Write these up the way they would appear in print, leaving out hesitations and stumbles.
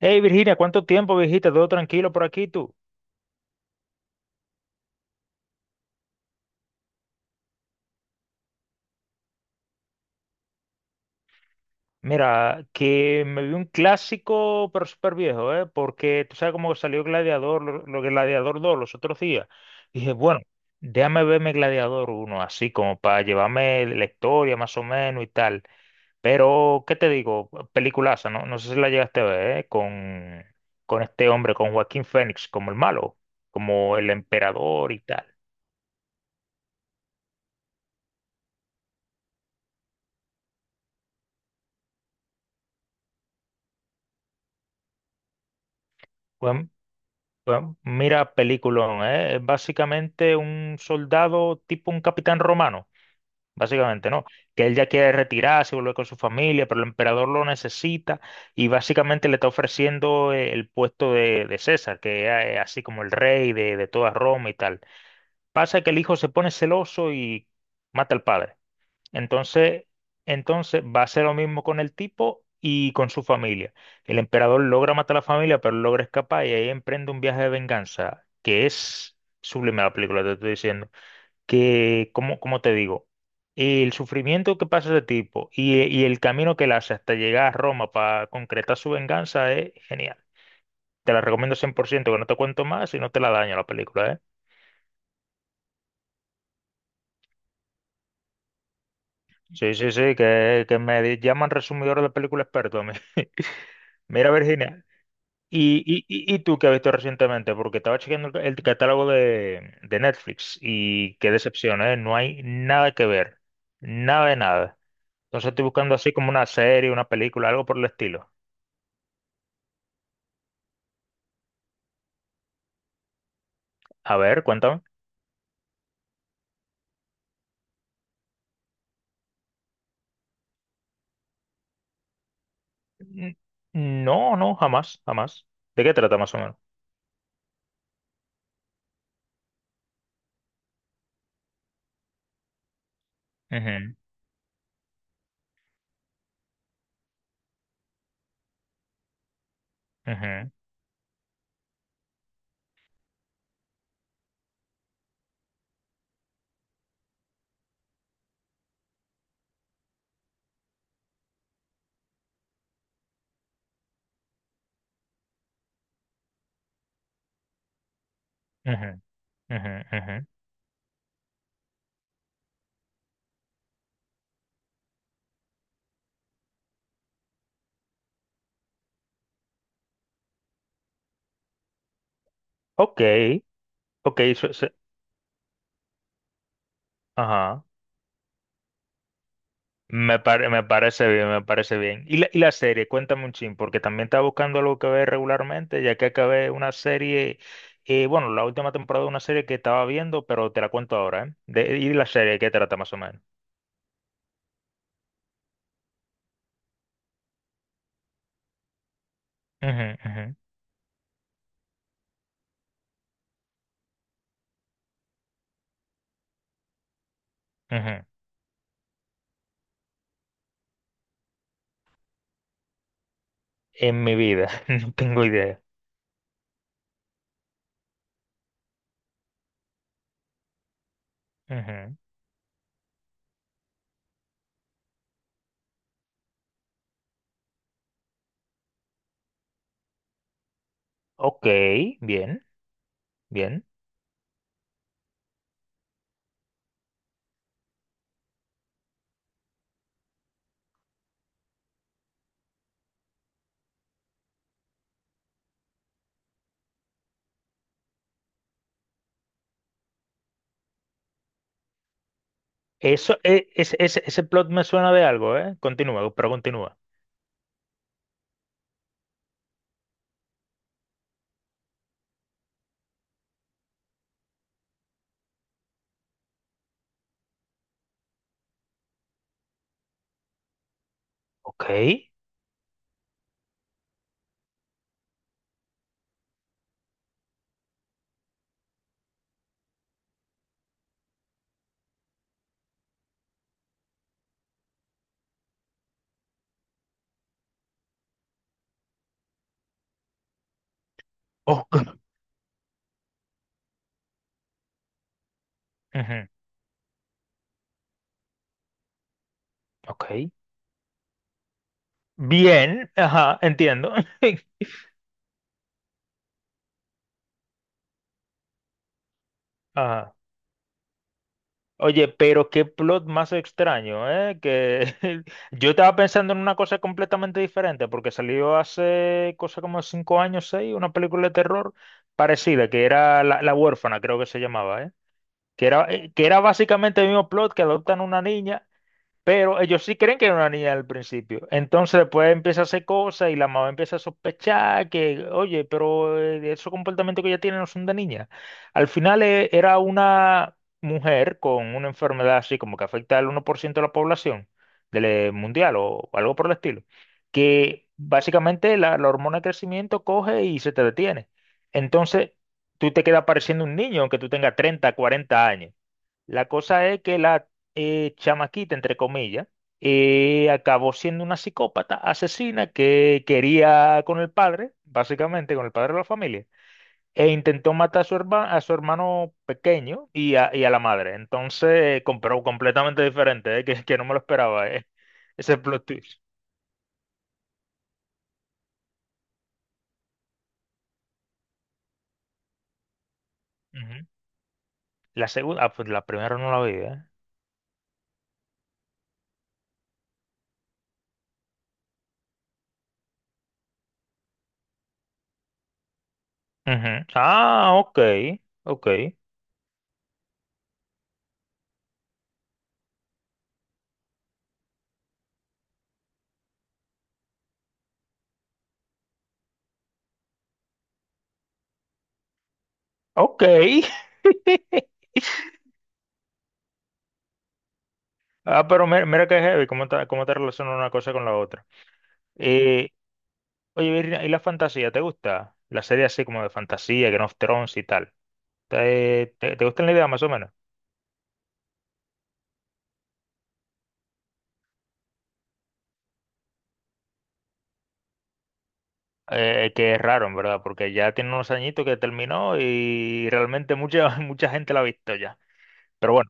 Hey Virginia, ¿cuánto tiempo, viejita? ¿Todo tranquilo por aquí tú? Mira, que me vi un clásico, pero súper viejo, ¿eh? Porque tú sabes cómo salió Gladiador, lo que Gladiador dos los otros días. Y dije, bueno, déjame verme Gladiador uno, así como para llevarme la historia más o menos y tal. Pero, ¿qué te digo? Peliculaza, ¿no? No sé si la llegaste a ver, ¿eh? Con este hombre, con Joaquín Phoenix, como el malo, como el emperador y tal. Pues, bueno, mira, peliculón, ¿eh? Es básicamente un soldado tipo un capitán romano, básicamente, ¿no? Que él ya quiere retirarse, volver con su familia, pero el emperador lo necesita y básicamente le está ofreciendo el puesto de César, que es así como el rey de toda Roma y tal. Pasa que el hijo se pone celoso y mata al padre. Entonces, entonces va a ser lo mismo con el tipo y con su familia. El emperador logra matar a la familia, pero logra escapar y ahí emprende un viaje de venganza, que es sublime la película, te estoy diciendo. Que, como te digo, el sufrimiento que pasa ese tipo y el camino que él hace hasta llegar a Roma para concretar su venganza es genial. Te la recomiendo 100%, que no te cuento más y no te la daño la película, ¿eh? Sí, sí, sí, que, me llaman resumidor de película experto a mí. Mira, Virginia, ¿Y tú qué has visto recientemente? Porque estaba chequeando el catálogo de Netflix y qué decepción, ¿eh? No hay nada que ver, nada de nada. Entonces estoy buscando así como una serie, una película, algo por el estilo. A ver, cuéntame. N- No, no, jamás, jamás. ¿De qué trata más o menos? Ujú, ujú, ujú, ujú, ujú. Ok, ok, ajá. Me parece bien, me parece bien. Y la serie, cuéntame un chin, porque también estaba buscando algo que ver regularmente, ya que acabé una serie, bueno, la última temporada de una serie que estaba viendo, pero te la cuento ahora, ¿eh? Y la serie, ¿qué trata más o menos? Ujú, ujú, ujú. En mi vida, no tengo idea. Ujú. Ok, bien, bien. Eso, e- ese plot me suena de algo, ¿eh? Continúa, pero continúa. Ok, ok. Ujú, ok. Bien, ajá, entiendo. Ajá. Oye, pero qué plot más extraño, ¿eh? Que yo estaba pensando en una cosa completamente diferente, porque salió hace cosa como 5 años, seis, una película de terror parecida, que era La huérfana, creo que se llamaba, ¿eh? Que era básicamente el mismo plot que adoptan una niña pero ellos sí creen que era una niña al principio. Entonces después empieza a hacer cosas y la mamá empieza a sospechar que, oye, pero esos comportamientos que ella tiene no son de niña. Al final era una mujer con una enfermedad así como que afecta al 1% de la población del mundial o algo por el estilo, que básicamente la hormona de crecimiento coge y se te detiene. Entonces tú te quedas pareciendo un niño aunque tú tengas 30, 40 años. La cosa es que la chamaquita, entre comillas, acabó siendo una psicópata asesina que quería con el padre, básicamente con el padre de la familia, e intentó matar a su hermano pequeño y a la madre. Entonces, pero completamente diferente, que no me lo esperaba, ese plot twist. Ujú. La segunda, ah, pues la primera no la vi. Ujú. Ah, ok, ok, ok. Ah, pero mira, que heavy, cómo te relaciona una cosa con la otra. Eh, Oye, Virginia, ¿y la fantasía? ¿Te gusta? La serie así como de fantasía, Game of Thrones y tal. ¿Te gusta la idea más o menos? Que es raro, en verdad, porque ya tiene unos añitos que terminó y realmente mucha, mucha gente la ha visto ya. Pero bueno.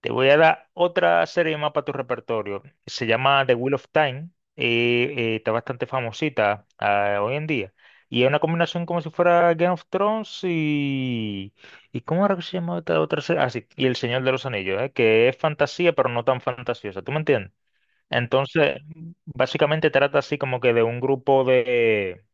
Te voy a dar otra serie más para tu repertorio. Se llama The Wheel of Time. Está bastante famosita hoy en día. Y es una combinación como si fuera Game of Thrones y... ¿Y cómo era que se llama esta otra serie? Ah, sí, y El Señor de los Anillos, que es fantasía, pero no tan fantasiosa. ¿Tú me entiendes? Entonces, básicamente trata así como que de un grupo de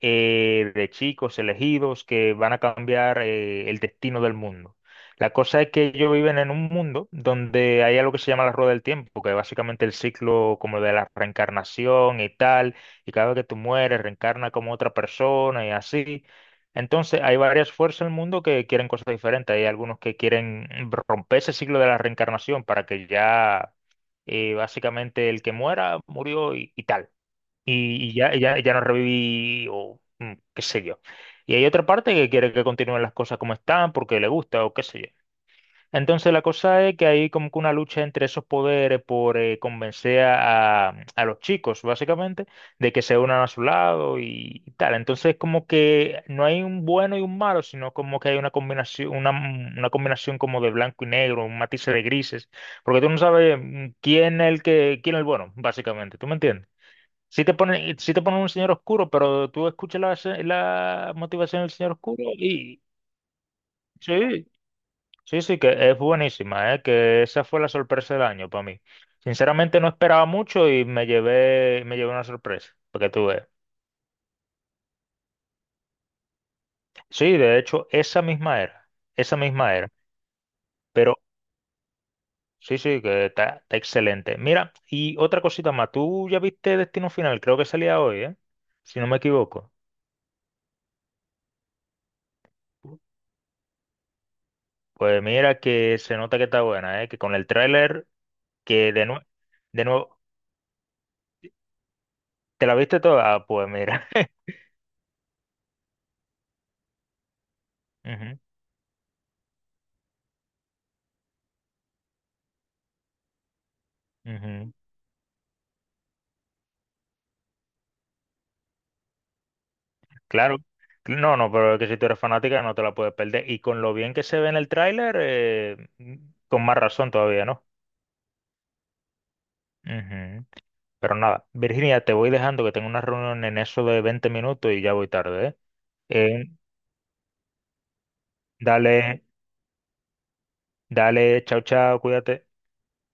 eh, de chicos elegidos que van a cambiar el destino del mundo. La cosa es que ellos viven en un mundo donde hay algo que se llama la rueda del tiempo, que es básicamente el ciclo como de la reencarnación y tal, y cada vez que tú mueres, reencarna como otra persona y así. Entonces, hay varias fuerzas en el mundo que quieren cosas diferentes. Hay algunos que quieren romper ese ciclo de la reencarnación para que ya básicamente el que muera murió y tal y ya, ya, ya no reviví o qué sé yo. Y hay otra parte que quiere que continúen las cosas como están porque le gusta o qué sé yo. Entonces la cosa es que hay como que una lucha entre esos poderes por convencer a los chicos, básicamente, de que se unan a su lado y tal. Entonces como que no hay un bueno y un malo, sino como que hay una combinación, una combinación como de blanco y negro, un matiz de grises, porque tú no sabes quién es el bueno, básicamente. ¿Tú me entiendes? Si te ponen un señor oscuro, pero tú escuchas la motivación del señor oscuro y sí, sí, sí, que es buenísima, ¿eh? Que esa fue la sorpresa del año para mí. Sinceramente no esperaba mucho y me llevé una sorpresa, porque tú ves. Sí, de hecho, esa misma era, pero sí, sí, que está excelente. Mira, y otra cosita más, tú ya viste Destino Final, creo que salía hoy, ¿eh? Si no me equivoco. Pues mira que se nota que está buena, ¿eh? Que con el tráiler. Que de nuevo, ¿te la viste toda? Ah, pues mira. Ujú, ujú. Claro. No, no, pero es que si tú eres fanática no te la puedes perder. Y con lo bien que se ve en el tráiler, con más razón todavía, ¿no? Ujú. Pero nada, Virginia, te voy dejando que tengo una reunión en eso de 20 minutos y ya voy tarde, ¿eh? Eh, Dale, dale, chao, chao, cuídate.